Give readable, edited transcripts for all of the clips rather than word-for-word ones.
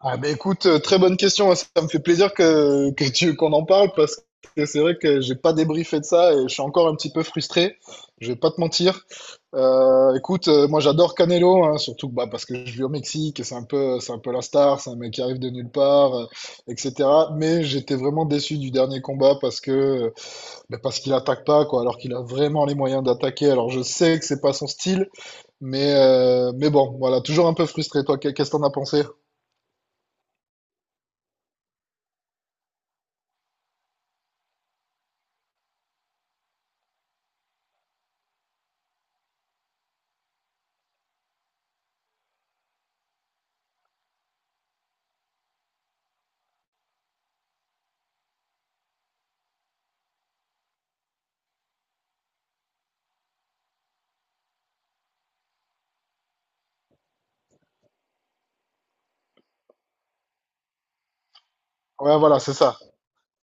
Ah ben écoute, très bonne question, hein. Ça me fait plaisir qu'on en parle parce que c'est vrai que j'ai pas débriefé de ça et je suis encore un petit peu frustré. Je vais pas te mentir. Écoute, moi j'adore Canelo, hein, surtout bah, parce que je vis au Mexique et c'est un peu la star, c'est un mec qui arrive de nulle part, etc. Mais j'étais vraiment déçu du dernier combat parce qu'il attaque pas quoi, alors qu'il a vraiment les moyens d'attaquer. Alors je sais que c'est pas son style, mais bon, voilà, toujours un peu frustré. Toi, qu'est-ce que t'en as pensé? Ouais, voilà, c'est ça.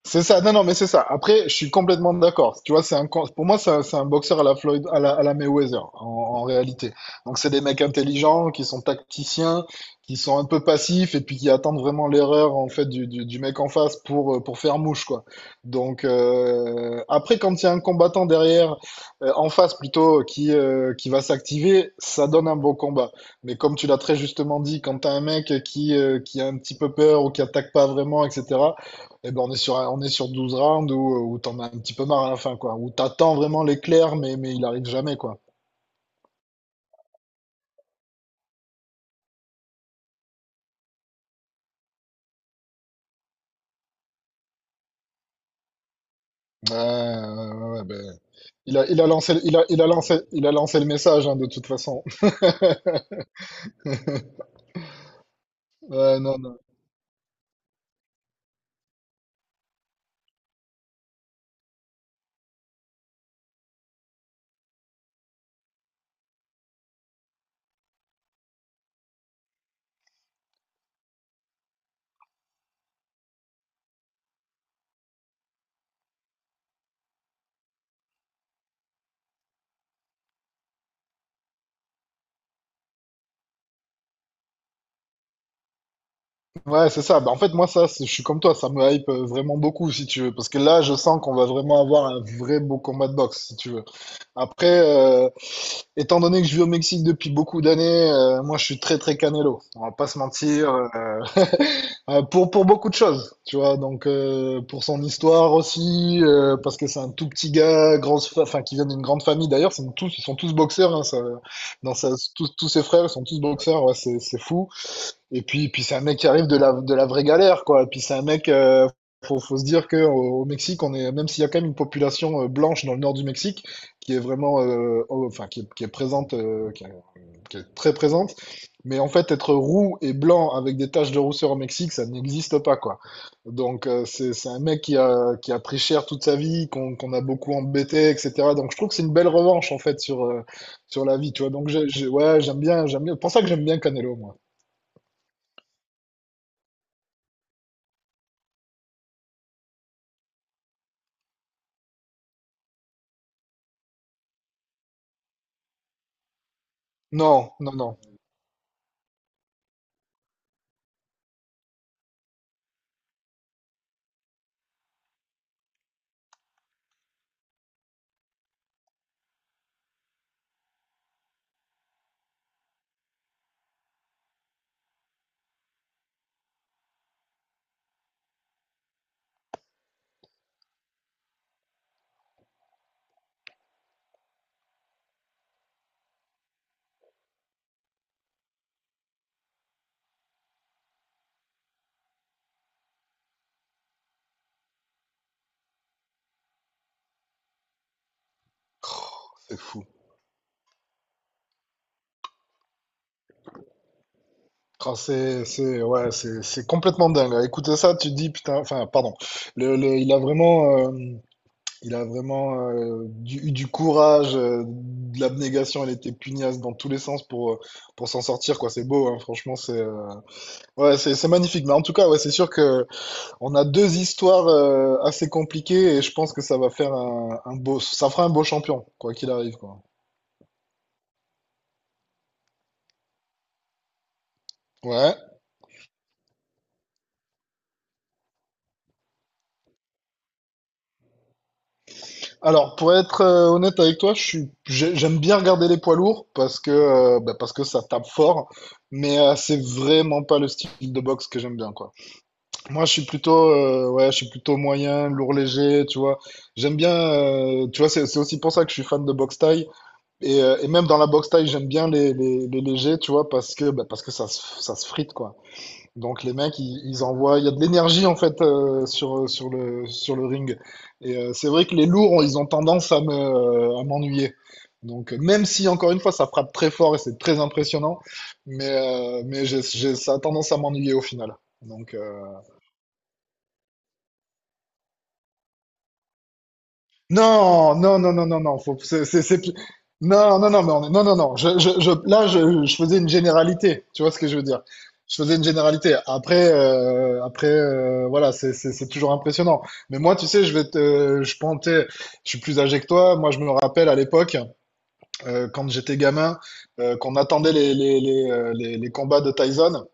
C'est ça, non, non, mais c'est ça. Après, je suis complètement d'accord. Tu vois, pour moi, c'est un boxeur à la Floyd, à la Mayweather, en réalité. Donc, c'est des mecs intelligents, qui sont tacticiens, qui sont un peu passifs, et puis qui attendent vraiment l'erreur, en fait, du mec en face pour faire mouche, quoi. Donc, après, quand il y a un combattant derrière, en face plutôt, qui va s'activer, ça donne un beau combat. Mais comme tu l'as très justement dit, quand t'as un mec qui a un petit peu peur ou qui attaque pas vraiment, etc., eh ben on est sur 12 rounds où t'en as un petit peu marre à la fin, quoi. Où t'attends vraiment l'éclair, mais il arrive jamais, quoi. Ouais, ouais, ouais, ben, il a lancé le message, hein, de toute façon. Ouais, non, non. Ouais, c'est ça. Bah, en fait, moi, ça, je suis comme toi, ça me hype vraiment beaucoup, si tu veux. Parce que là, je sens qu'on va vraiment avoir un vrai beau combat de boxe, si tu veux. Après, étant donné que je vis au Mexique depuis beaucoup d'années, moi, je suis très, très Canelo. On va pas se mentir. Pour beaucoup de choses, tu vois. Donc, pour son histoire aussi, parce que c'est un tout petit gars, enfin, qui vient d'une grande famille. D'ailleurs, ils sont tous boxeurs. Hein. Tous ses frères, ils sont tous boxeurs. Ouais, c'est fou. Et puis c'est un mec qui arrive de la vraie galère, quoi. Et puis c'est un mec, faut se dire que au Mexique, on est, même s'il y a quand même une population blanche dans le nord du Mexique, qui est vraiment, enfin, qui est présente, qui est très présente. Mais en fait, être roux et blanc avec des taches de rousseur au Mexique, ça n'existe pas, quoi. Donc, c'est un mec qui a pris cher toute sa vie, qu'on a beaucoup embêté, etc. Donc, je trouve que c'est une belle revanche, en fait, sur la vie, tu vois. Donc, ouais, j'aime bien, j'aime bien. C'est pour ça que j'aime bien Canelo, moi. Non, non, non. C'est fou. Ah, ouais, c'est complètement dingue. Écoutez ça, tu te dis, putain, enfin, pardon. Le, le- il a vraiment, euh, il a vraiment eu du courage, de l'abnégation. Elle était pugnace dans tous les sens pour s'en sortir, quoi. C'est beau, hein, franchement, ouais, c'est magnifique. Mais en tout cas, ouais, c'est sûr que on a deux histoires assez compliquées et je pense que ça va faire ça fera un beau champion, quoi qu'il arrive, quoi. Ouais. Alors, pour être honnête avec toi, j'aime bien regarder les poids lourds parce que ça tape fort, c'est vraiment pas le style de boxe que j'aime bien, quoi. Moi, ouais, je suis plutôt moyen, lourd léger, tu vois. J'aime bien, tu vois, c'est aussi pour ça que je suis fan de boxe thaï. Et même dans la boxe thaï, j'aime bien les légers, tu vois, parce que ça se frite, quoi. Donc les mecs, ils envoient, il y a de l'énergie en fait sur le ring. C'est vrai que les lourds, ils ont tendance à m'ennuyer. Même si encore une fois ça frappe très fort et c'est très impressionnant, mais ça a tendance à m'ennuyer au final. Donc euh, Non, non, non, non, non, non, faut, c'est- plus- non, non, non, non, non, non, là, je faisais une généralité, tu vois ce que je veux dire? Je faisais une généralité. Après, voilà, c'est toujours impressionnant. Mais moi, tu sais, je pensais, je suis plus âgé que toi. Moi, je me rappelle à l'époque, quand j'étais gamin, qu'on attendait les combats de Tyson.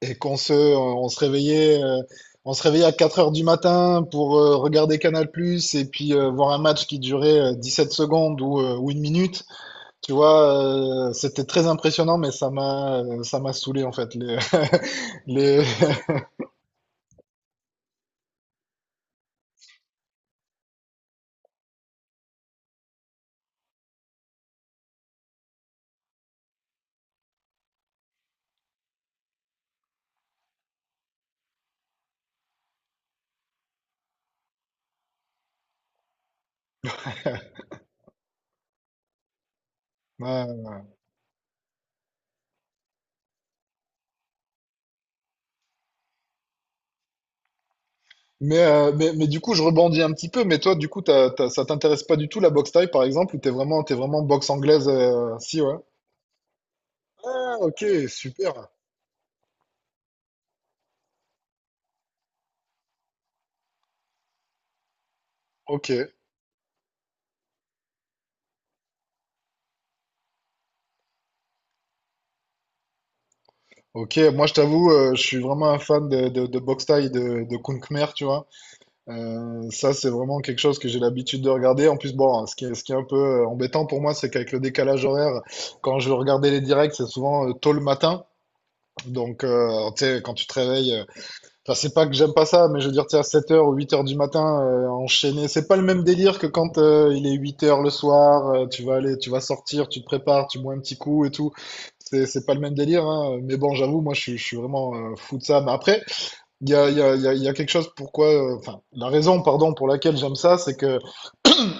Et qu'on se, on se réveillait à 4 heures du matin pour regarder Canal+, et puis voir un match qui durait 7 secondes ou 1 minute. Tu vois, c'était très impressionnant, mais ça m'a saoulé en fait. Les, les. Ouais. Mais du coup, je rebondis un petit peu. Mais toi, du coup, ça t'intéresse pas du tout la boxe thaï, par exemple, ou t'es vraiment boxe anglaise, si, ouais. Ah, ok, super. Ok. Ok, moi je t'avoue, je suis vraiment un fan de boxe thaï, de Kung Khmer, tu vois. Ça, c'est vraiment quelque chose que j'ai l'habitude de regarder. En plus, bon, ce qui est un peu embêtant pour moi, c'est qu'avec le décalage horaire, quand je regardais les directs, c'est souvent tôt le matin. Donc, tu sais, quand tu te réveilles, enfin, c'est pas que j'aime pas ça, mais je veux dire, tu sais, à 7h ou 8h du matin, enchaîner, c'est pas le même délire que quand il est 8h le soir, tu vas aller, tu vas sortir, tu te prépares, tu bois un petit coup et tout. C'est pas le même délire, hein. Mais bon, j'avoue, moi, je suis vraiment fou de ça. Mais après, il y a, il y a, il y a, il y a quelque chose pourquoi, enfin, la raison, pardon, pour laquelle j'aime ça, c'est que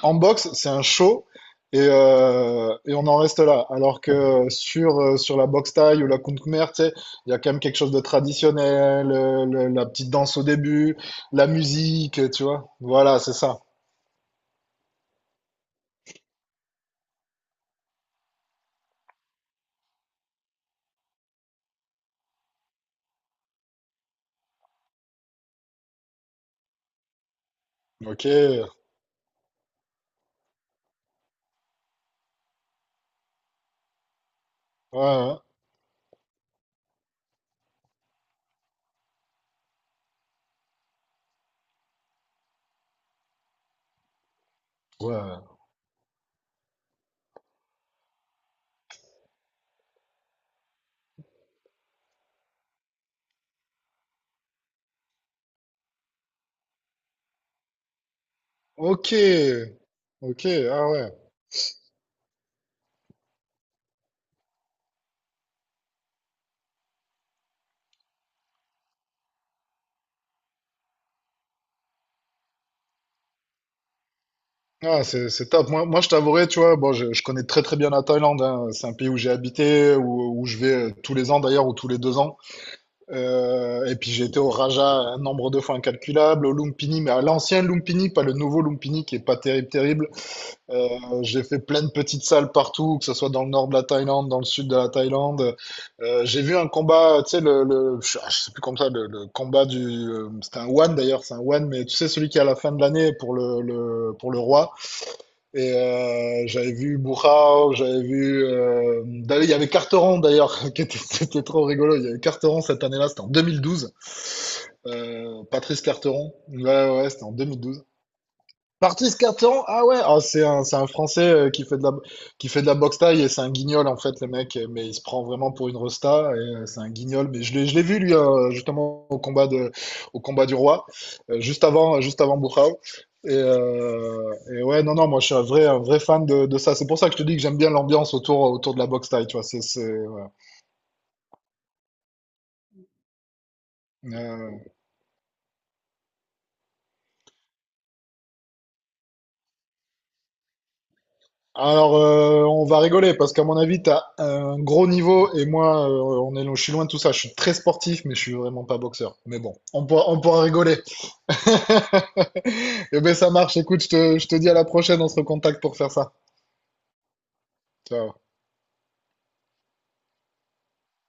en boxe, c'est un show et on en reste là. Alors que sur la boxe thaï ou la Kung Khmer, tu sais, il y a quand même quelque chose de traditionnel, la petite danse au début, la musique, tu vois. Voilà, c'est ça. Ok. Ouais, ouais. Ouais. Ok. Ok. Ah ouais. Ah, c'est top. Moi, je t'avouerai, tu vois, bon, je connais très très bien la Thaïlande. Hein. C'est un pays où j'ai habité, où je vais tous les ans d'ailleurs, ou tous les 2 ans. Et puis j'ai été au Raja un nombre de fois incalculable, au Lumpini, mais à l'ancien Lumpini, pas le nouveau Lumpini qui est pas terrible, terrible. Euh, j'ai fait plein de petites salles partout, que ce soit dans le nord de la Thaïlande, dans le sud de la Thaïlande. J'ai vu un combat, tu sais, je ah, je sais plus comme ça, le combat c'était un one d'ailleurs, c'est un one, mais tu sais celui qui est à la fin de l'année pour le roi. J'avais vu Bourrao, j'avais vu. D'ailleurs, il y avait Carteron d'ailleurs, c'était trop rigolo. Il y avait Carteron cette année-là, c'était en 2012. Patrice Carteron. Ouais, ouais, ouais, c'était en 2012. Martis Carton, ah ouais, ah, c'est un Français qui fait de la boxe taille et c'est un guignol en fait le mec, mais il se prend vraiment pour une resta et c'est un guignol. Mais je l'ai vu lui justement au combat du roi, juste avant Buchau. Et ouais, non, non, moi je suis un vrai fan de ça. C'est pour ça que je te dis que j'aime bien l'ambiance autour de la boxe taille, tu vois. Ouais. Euh, Alors, on va rigoler parce qu'à mon avis, tu as un gros niveau et moi, je suis loin de tout ça. Je suis très sportif, mais je suis vraiment pas boxeur. Mais bon, on pourra rigoler. Eh ben, ça marche. Écoute, je te dis à la prochaine. On se recontacte pour faire ça. Ciao.